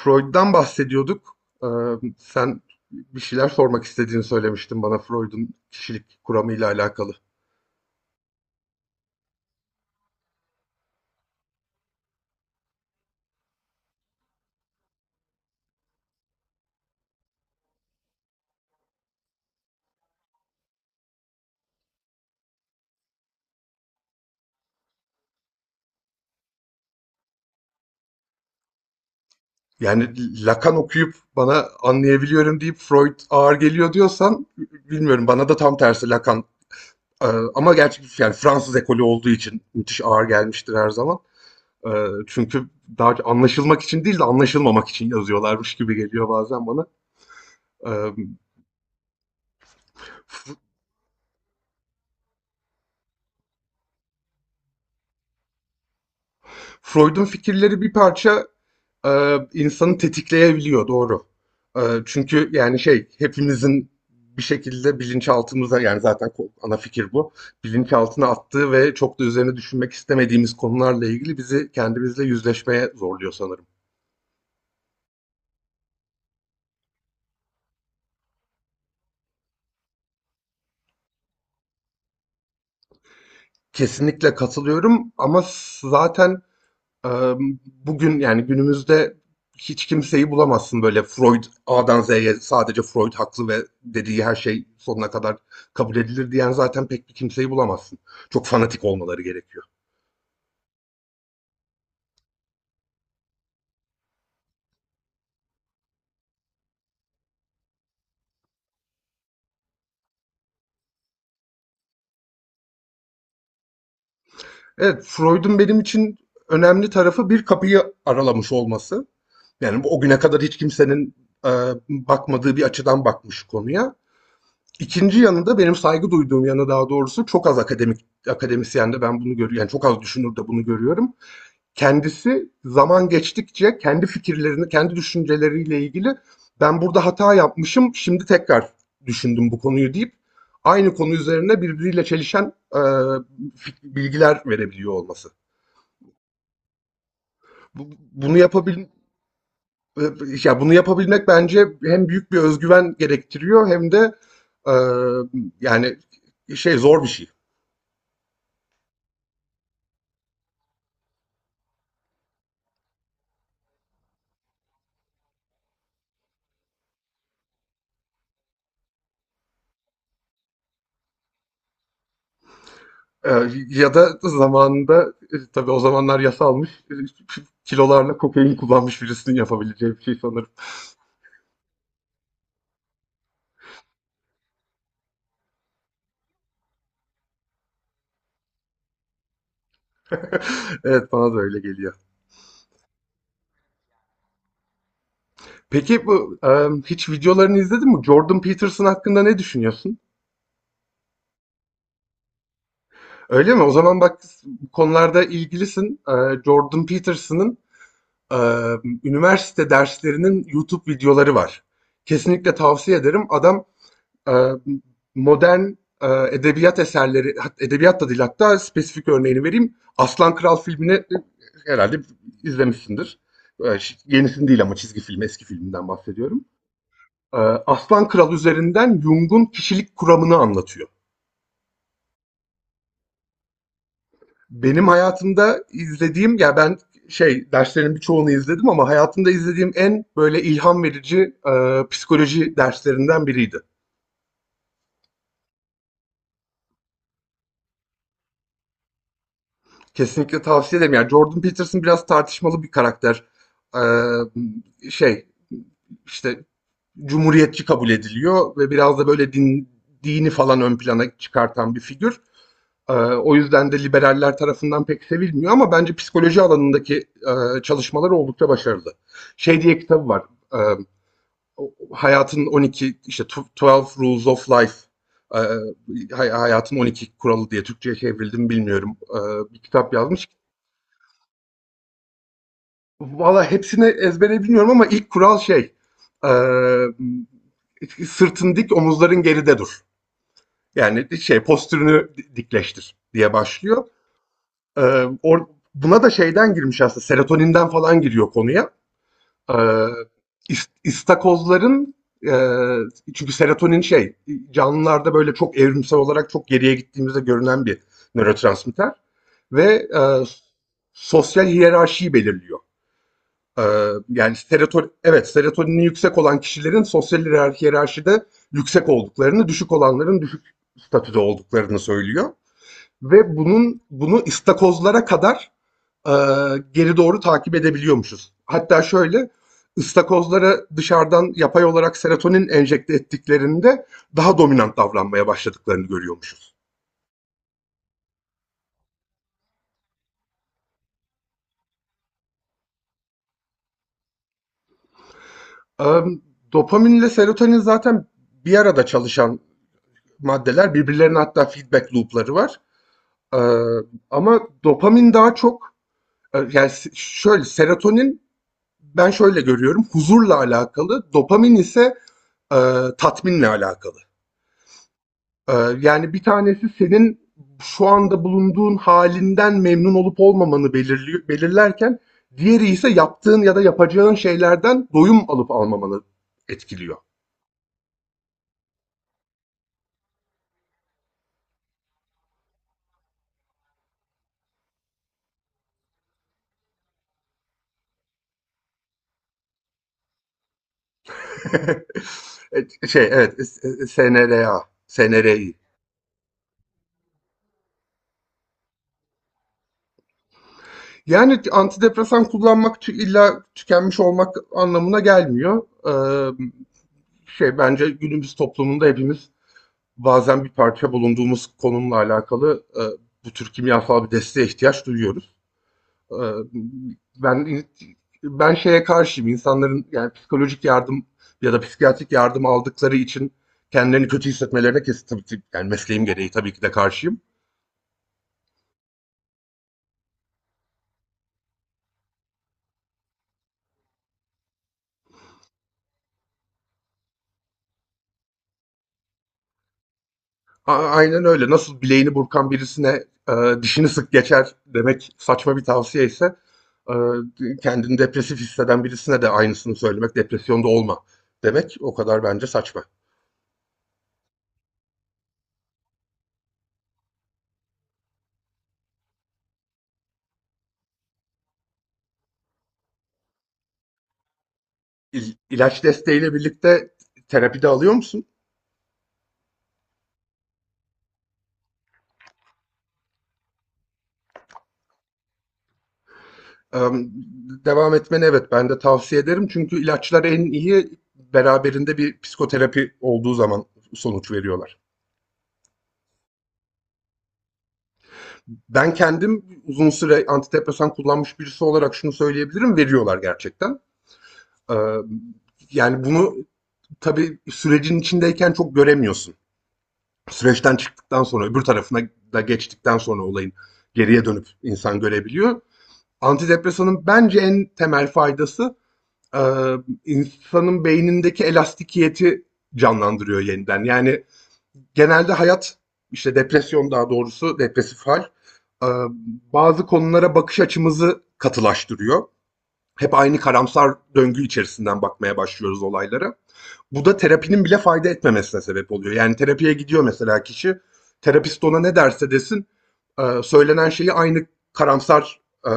Freud'dan bahsediyorduk. Ee, Sen bir şeyler sormak istediğini söylemiştin bana Freud'un kişilik kuramıyla alakalı. Yani Lacan okuyup bana anlayabiliyorum deyip Freud ağır geliyor diyorsan bilmiyorum, bana da tam tersi Lacan Ee, ama gerçek, yani Fransız ekolü olduğu için müthiş ağır gelmiştir her zaman. Çünkü daha anlaşılmak için değil de anlaşılmamak için yazıyorlarmış gibi geliyor bazen bana. Ee, Freud'un fikirleri bir parça insanı tetikleyebiliyor, doğru. E, çünkü yani şey, hepimizin bir şekilde bilinçaltımıza, yani zaten ana fikir bu. Bilinçaltına attığı ve çok da üzerine düşünmek istemediğimiz konularla ilgili bizi kendimizle yüzleşmeye zorluyor sanırım. Kesinlikle katılıyorum ama zaten Eee, bugün yani günümüzde hiç kimseyi bulamazsın böyle Freud A'dan Z'ye sadece Freud haklı ve dediği her şey sonuna kadar kabul edilir diyen, zaten pek bir kimseyi bulamazsın. Çok fanatik olmaları gerekiyor. Evet, Freud'un benim için önemli tarafı bir kapıyı aralamış olması. Yani o güne kadar hiç kimsenin e, bakmadığı bir açıdan bakmış konuya. İkinci yanı da, benim saygı duyduğum yanı daha doğrusu, çok az akademik akademisyen de ben bunu görüyorum. Yani çok az düşünür de bunu görüyorum. Kendisi zaman geçtikçe kendi fikirlerini, kendi düşünceleriyle ilgili ben burada hata yapmışım, şimdi tekrar düşündüm bu konuyu deyip aynı konu üzerine birbiriyle çelişen bilgiler verebiliyor olması. Bu- bunu yapabil e, Ya bunu yapabilmek bence hem büyük bir özgüven gerektiriyor hem de e, yani şey, zor bir şey. Ee, Ya da zamanında, tabii o zamanlar yasalmış, kilolarla kokain kullanmış birisinin yapabileceği bir şey sanırım. Evet, bana da öyle geliyor. Peki bu hiç videolarını izledin mi? Jordan Peterson hakkında ne düşünüyorsun? Öyle mi? O zaman bak, bu konularda ilgilisin. Jordan Peterson'ın eee, üniversite derslerinin YouTube videoları var. Kesinlikle tavsiye ederim. Adam e, modern edebiyat eserleri, edebiyat da değil hatta, spesifik örneğini vereyim. Aslan Kral filmini herhalde izlemişsindir. Yenisini değil ama, çizgi film, eski filminden bahsediyorum. E, Aslan Kral üzerinden Jung'un kişilik kuramını anlatıyor. Benim hayatımda izlediğim, ya ben şey, derslerin birçoğunu izledim ama hayatımda izlediğim en böyle ilham verici psikoloji derslerinden biriydi. Kesinlikle tavsiye ederim. Yani Jordan Peterson biraz tartışmalı bir karakter. Şey işte, cumhuriyetçi kabul ediliyor ve biraz da böyle din, dini falan ön plana çıkartan bir figür. O yüzden de liberaller tarafından pek sevilmiyor ama bence psikoloji alanındaki çalışmaları oldukça başarılı. Şey diye kitabı var. Ee, Hayatın 12 işte, Twelve Rules of Life, e, hayatın 12 kuralı diye Türkçe'ye çevrildi mi bilmiyorum. Bir kitap yazmış. Valla hepsini ezbere bilmiyorum ama ilk kural şey, eee, sırtın dik, omuzların geride dur. Yani şey, postürünü dikleştir diye başlıyor. Eee, or- Buna da şeyden girmiş aslında, serotoninden falan giriyor konuya. Eee istakozların, eee, çünkü serotonin şey, canlılarda böyle çok evrimsel olarak çok geriye gittiğimizde görünen bir nörotransmitter. Ve sosyal hiyerarşiyi belirliyor. Yani serotonin, evet, serotonini yüksek olan kişilerin sosyal hiyerarşide yüksek olduklarını, düşük olanların düşük statüde olduklarını söylüyor. Ve bunu istakozlara kadar e, geri doğru takip edebiliyormuşuz. Hatta şöyle, ıstakozlara dışarıdan yapay olarak serotonin enjekte ettiklerinde daha dominant davranmaya başladıklarını görüyormuşuz. Ee, Dopaminle serotonin zaten bir arada çalışan maddeler. Birbirlerine hatta feedback loop'ları var. Ee, Ama dopamin daha çok şöyle, serotonin ben şöyle görüyorum, huzurla alakalı, dopamin ise e, tatminle alakalı. Ee, Yani bir tanesi senin şu anda bulunduğun halinden memnun olup olmamanı belirlerken diğeri ise yaptığın ya da yapacağın şeylerden doyum alıp almamanı etkiliyor. SNRA, SNRI. Yani antidepresan kullanmak illa tükenmiş olmak anlamına gelmiyor. Şey, bence günümüz toplumunda hepimiz bazen bir parça bulunduğumuz konumla alakalı bu tür kimyasal bir desteğe ihtiyaç duyuyoruz. Ee, ben ben şeye karşıyım. İnsanların, yani psikolojik yardım ya da psikiyatrik yardım aldıkları için kendilerini kötü hissetmelerine kesin tabii yani mesleğim gereği tabii ki de karşıyım. Aynen öyle. Nasıl bileğini burkan birisine e, dişini sık geçer demek saçma bir tavsiye ise e, kendini depresif hisseden birisine de aynısını söylemek, depresyonda olma demek o kadar bence saçma. İlaç desteğiyle birlikte terapi de alıyor musun? Ee, Devam etmeni, evet, ben de tavsiye ederim. Çünkü ilaçlar en iyi beraberinde bir psikoterapi olduğu zaman sonuç veriyorlar. Ben kendim uzun süre antidepresan kullanmış birisi olarak şunu söyleyebilirim, veriyorlar gerçekten. Ee, Yani bunu tabii sürecin içindeyken çok göremiyorsun. Süreçten çıktıktan sonra, öbür tarafına da geçtikten sonra olayın, geriye dönüp insan görebiliyor. Antidepresanın bence en temel faydası, eee, insanın beynindeki elastikiyeti canlandırıyor yeniden. Yani genelde hayat, işte depresyon daha doğrusu, depresif hal, eee, bazı konulara bakış açımızı katılaştırıyor. Hep aynı karamsar döngü içerisinden bakmaya başlıyoruz olaylara. Bu da terapinin bile fayda etmemesine sebep oluyor. Yani terapiye gidiyor mesela kişi, terapist ona ne derse desin, söylenen şeyi aynı karamsar e,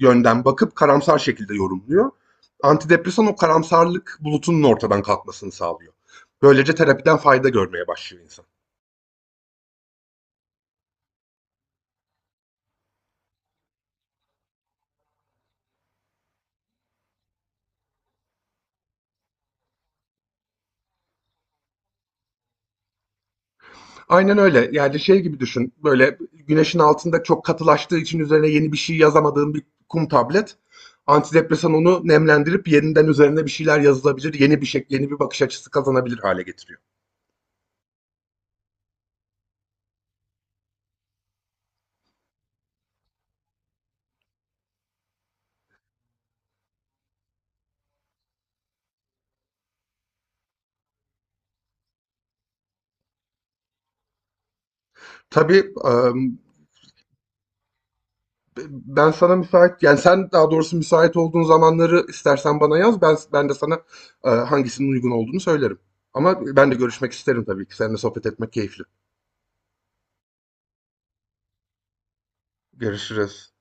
yönden bakıp karamsar şekilde yorumluyor. Antidepresan o karamsarlık bulutunun ortadan kalkmasını sağlıyor. Böylece terapiden fayda görmeye başlıyor insan. Aynen öyle. Yani şey gibi düşün. Böyle güneşin altında çok katılaştığı için üzerine yeni bir şey yazamadığın bir kum tablet. Antidepresan onu nemlendirip yeniden üzerine bir şeyler yazılabilir, yeni bir şekil, yeni bir bakış açısı kazanabilir hale getiriyor. Tabii ben sana müsait, yani sen daha doğrusu müsait olduğun zamanları istersen bana yaz. Ben de sana hangisinin uygun olduğunu söylerim. Ama ben de görüşmek isterim tabii ki. Seninle sohbet etmek keyifli. Görüşürüz.